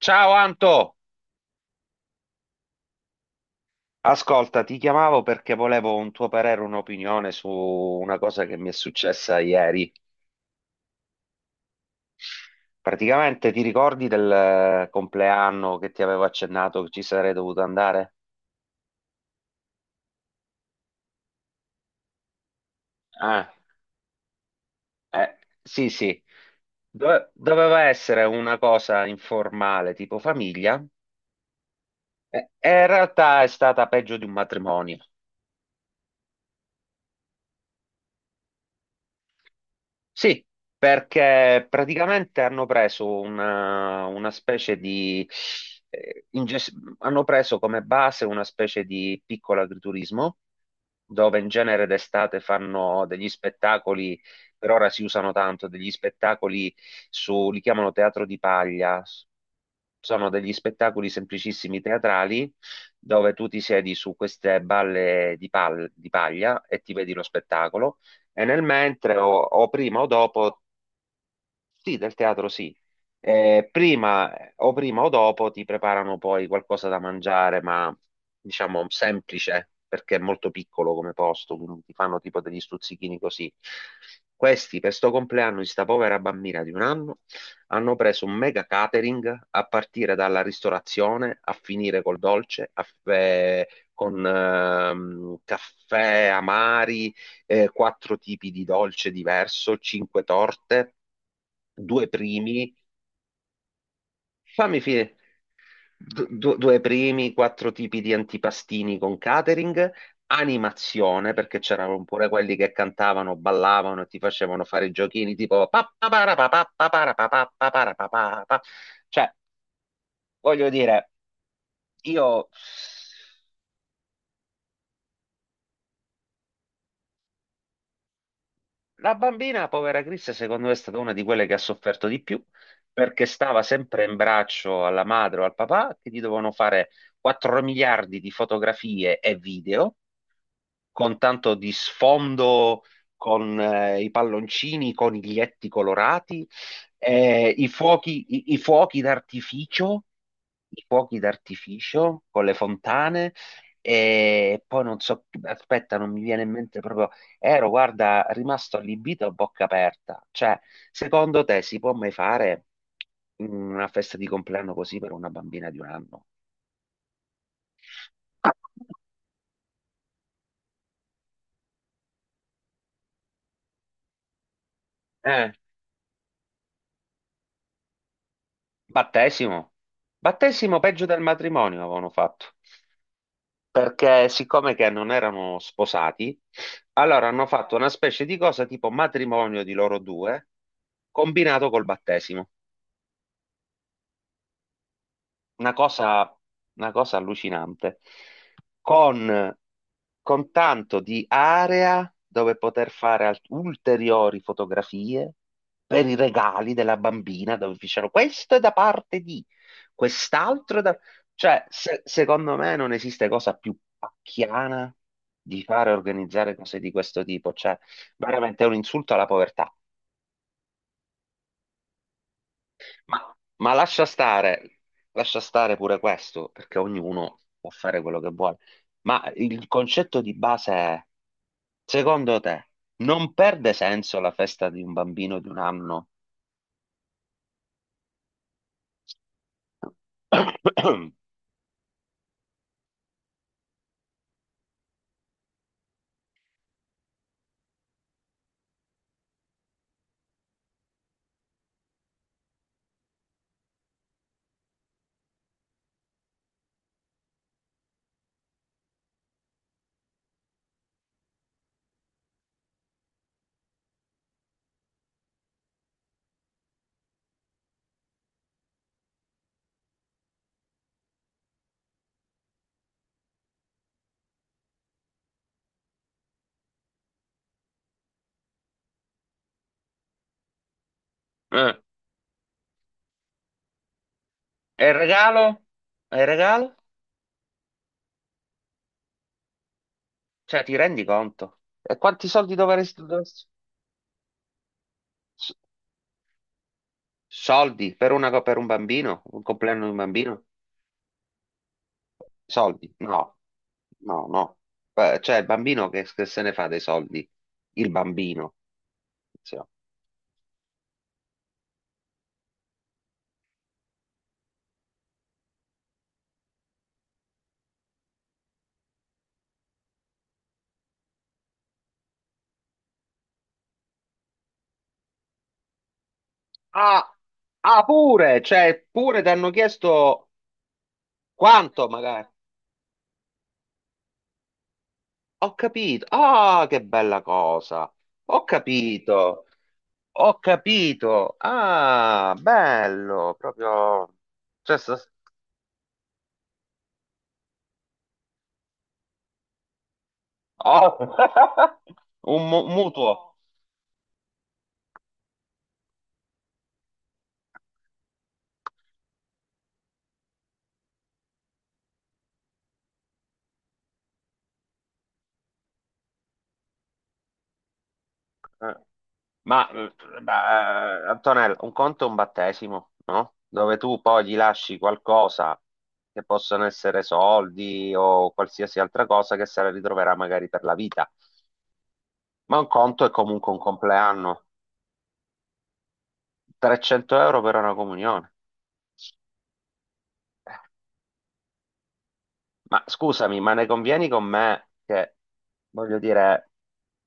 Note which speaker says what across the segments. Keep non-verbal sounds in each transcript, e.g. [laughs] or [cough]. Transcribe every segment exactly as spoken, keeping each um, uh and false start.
Speaker 1: Ciao Anto, ascolta, ti chiamavo perché volevo un tuo parere, un'opinione su una cosa che mi è successa ieri. Praticamente ti ricordi del eh, compleanno che ti avevo accennato che ci sarei dovuto andare? Ah, eh, sì, sì. Dove- doveva essere una cosa informale, tipo famiglia, e e in realtà è stata peggio di un matrimonio. Sì, perché praticamente hanno preso una, una specie di eh, inges- hanno preso come base una specie di piccolo agriturismo, dove in genere d'estate fanno degli spettacoli, per ora si usano tanto, degli spettacoli su, li chiamano teatro di paglia, s- sono degli spettacoli semplicissimi teatrali, dove tu ti siedi su queste balle di pal- di paglia e ti vedi lo spettacolo e nel mentre o, o prima o dopo, sì, del teatro sì. Eh, prima o prima o dopo ti preparano poi qualcosa da mangiare, ma diciamo semplice, perché è molto piccolo come posto, quindi ti fanno tipo degli stuzzichini così. Questi, per sto compleanno di sta povera bambina di un anno, hanno preso un mega catering a partire dalla ristorazione, a finire col dolce, a- eh, con ehm, caffè amari, eh, quattro tipi di dolce diverso, cinque torte, due primi, fammi finire, du- du- due primi, quattro tipi di antipastini con catering, animazione, perché c'erano pure quelli che cantavano, ballavano e ti facevano fare i giochini tipo pa- pa- para- pa- pa- pa- para- pa- pa- pa- para- pa- pa- pa. Cioè, voglio dire, io. La bambina, povera Chris, secondo me è stata una di quelle che ha sofferto di più perché stava sempre in braccio alla madre o al papà che gli dovevano fare quattro miliardi di fotografie e video con tanto di sfondo, con eh, i palloncini, i coniglietti colorati, eh, i fuochi, i- i fuochi d'artificio, i fuochi d'artificio con le fontane. E poi non so, aspetta, non mi viene in mente proprio. Ero, guarda, rimasto allibito a bocca aperta. Cioè, secondo te si può mai fare una festa di compleanno così per una bambina di un anno? Eh. Battesimo. Battesimo peggio del matrimonio avevano fatto, perché siccome che non erano sposati, allora hanno fatto una specie di cosa tipo matrimonio di loro due, combinato col battesimo. Una cosa, una cosa allucinante, con, con tanto di area dove poter fare alt- ulteriori fotografie per i regali della bambina, dove dicevano questo è da parte di, quest'altro è da... Cioè, se- secondo me non esiste cosa più pacchiana di fare organizzare cose di questo tipo, cioè veramente è un insulto alla povertà. Ma, ma lascia stare, lascia stare pure questo, perché ognuno può fare quello che vuole. Ma il concetto di base è, secondo te, non perde senso la festa di un bambino di un anno? [coughs] Eh, e il regalo? E il regalo? Cioè, ti rendi conto? E quanti soldi dovresti... dovresti- s- soldi per una co- per un bambino? Un compleanno di un bambino? Soldi? No, no, no. Eh, cioè, il bambino che, che se ne fa dei soldi? Il bambino. Sì. Ah, ah, pure, cioè, pure ti hanno chiesto quanto magari. Ho capito. Ah, che bella cosa. Ho capito. Ho capito. Ah, bello, proprio. Cioè, sta- oh. [laughs] Un mu- mutuo. Eh, Ma, eh, ma, eh, Antonella, un conto è un battesimo, no? Dove tu poi gli lasci qualcosa che possono essere soldi o qualsiasi altra cosa che se la ritroverà magari per la vita. Ma un conto è comunque un compleanno. trecento euro per una comunione. Ma scusami, ma ne convieni con me che, voglio dire,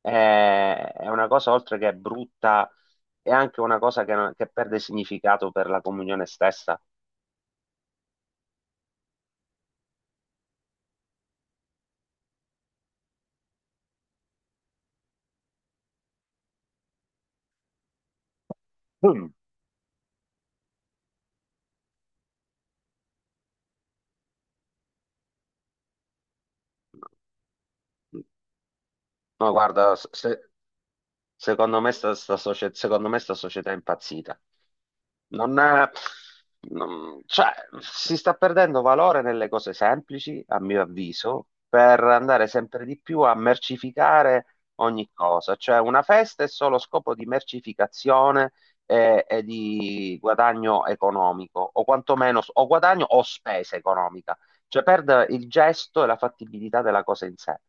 Speaker 1: è, è una cosa oltre che brutta, è anche una cosa che, non- che perde significato per la comunione stessa? Mm. No, guarda, se, secondo me sta, sta socie- secondo me sta società è impazzita. Non è- non- Cioè, si sta perdendo valore nelle cose semplici, a mio avviso, per andare sempre di più a mercificare ogni cosa. Cioè, una festa è solo scopo di mercificazione e, e di guadagno economico, o quantomeno o guadagno o spesa economica. Cioè, perde il gesto e la fattibilità della cosa in sé.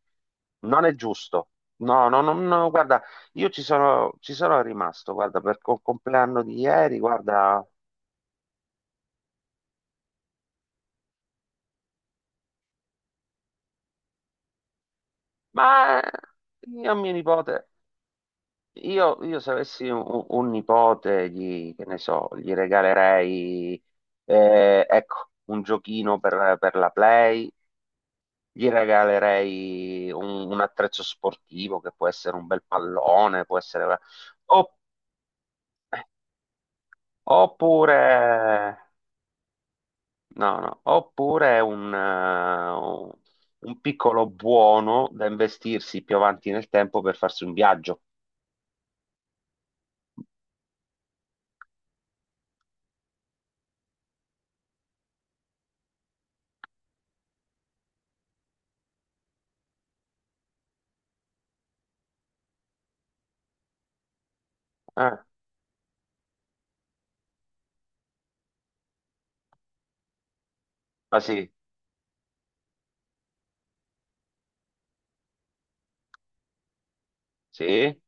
Speaker 1: Non è giusto. No, no, no, no, guarda. Io ci sono, ci sono rimasto, guarda, per il compleanno di ieri, guarda, ma io a mio nipote, io, io se avessi un, un nipote, gli, che ne so, gli regalerei, eh, ecco, un giochino per, per la Play, gli regalerei un, un attrezzo sportivo che può essere un bel pallone, può essere... opp- oppure... No, no. Oppure è un, eh, un piccolo buono da investirsi più avanti nel tempo per farsi un viaggio. Eh, ma sì, sì,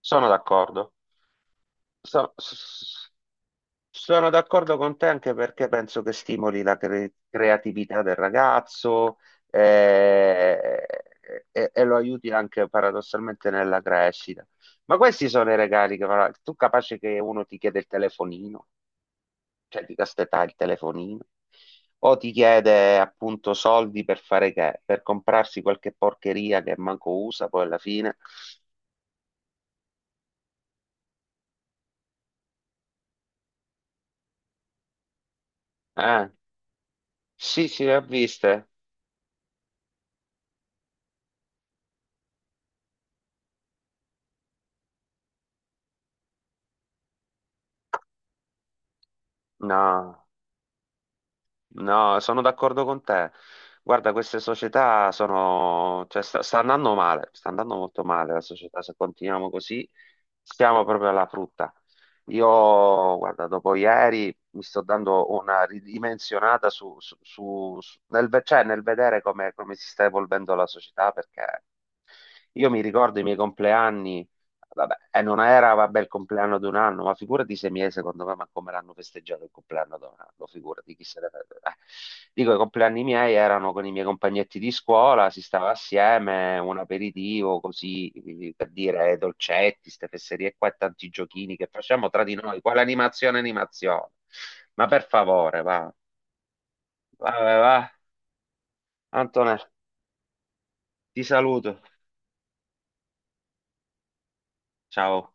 Speaker 1: sono d'accordo. So- s- s- Sono d'accordo con te anche perché penso che stimoli la cre- creatività del ragazzo, eh, e, e lo aiuti anche paradossalmente nella crescita. Ma questi sono i regali che farà. Tu capace che uno ti chiede il telefonino, cioè di castità il telefonino, o ti chiede appunto soldi per fare che? Per comprarsi qualche porcheria che manco usa poi alla fine. Eh, sì, sì, le ho viste. No. No, sono d'accordo con te. Guarda, queste società sono, cioè, sta, sta andando male, sta andando molto male la società. Se continuiamo così, stiamo proprio alla frutta. Io, guarda, dopo ieri mi sto dando una ridimensionata su, su- su- su- nel, ve- cioè, nel vedere come, come si sta evolvendo la società, perché io mi ricordo i miei compleanni. Vabbè, e non era, vabbè, il compleanno di un anno, ma figurati sei mesi, secondo me, ma come l'hanno festeggiato il compleanno di un anno, figurati chi se ne frega. Eh. Dico, i compleanni miei erano con i miei compagnetti di scuola, si stava assieme, un aperitivo, così, eh, per dire, eh, dolcetti, ste fesserie qua e tanti giochini che facciamo tra di noi, quale animazione, animazione. Ma per favore, va, va, va, va. Antonella, ti saluto, ciao.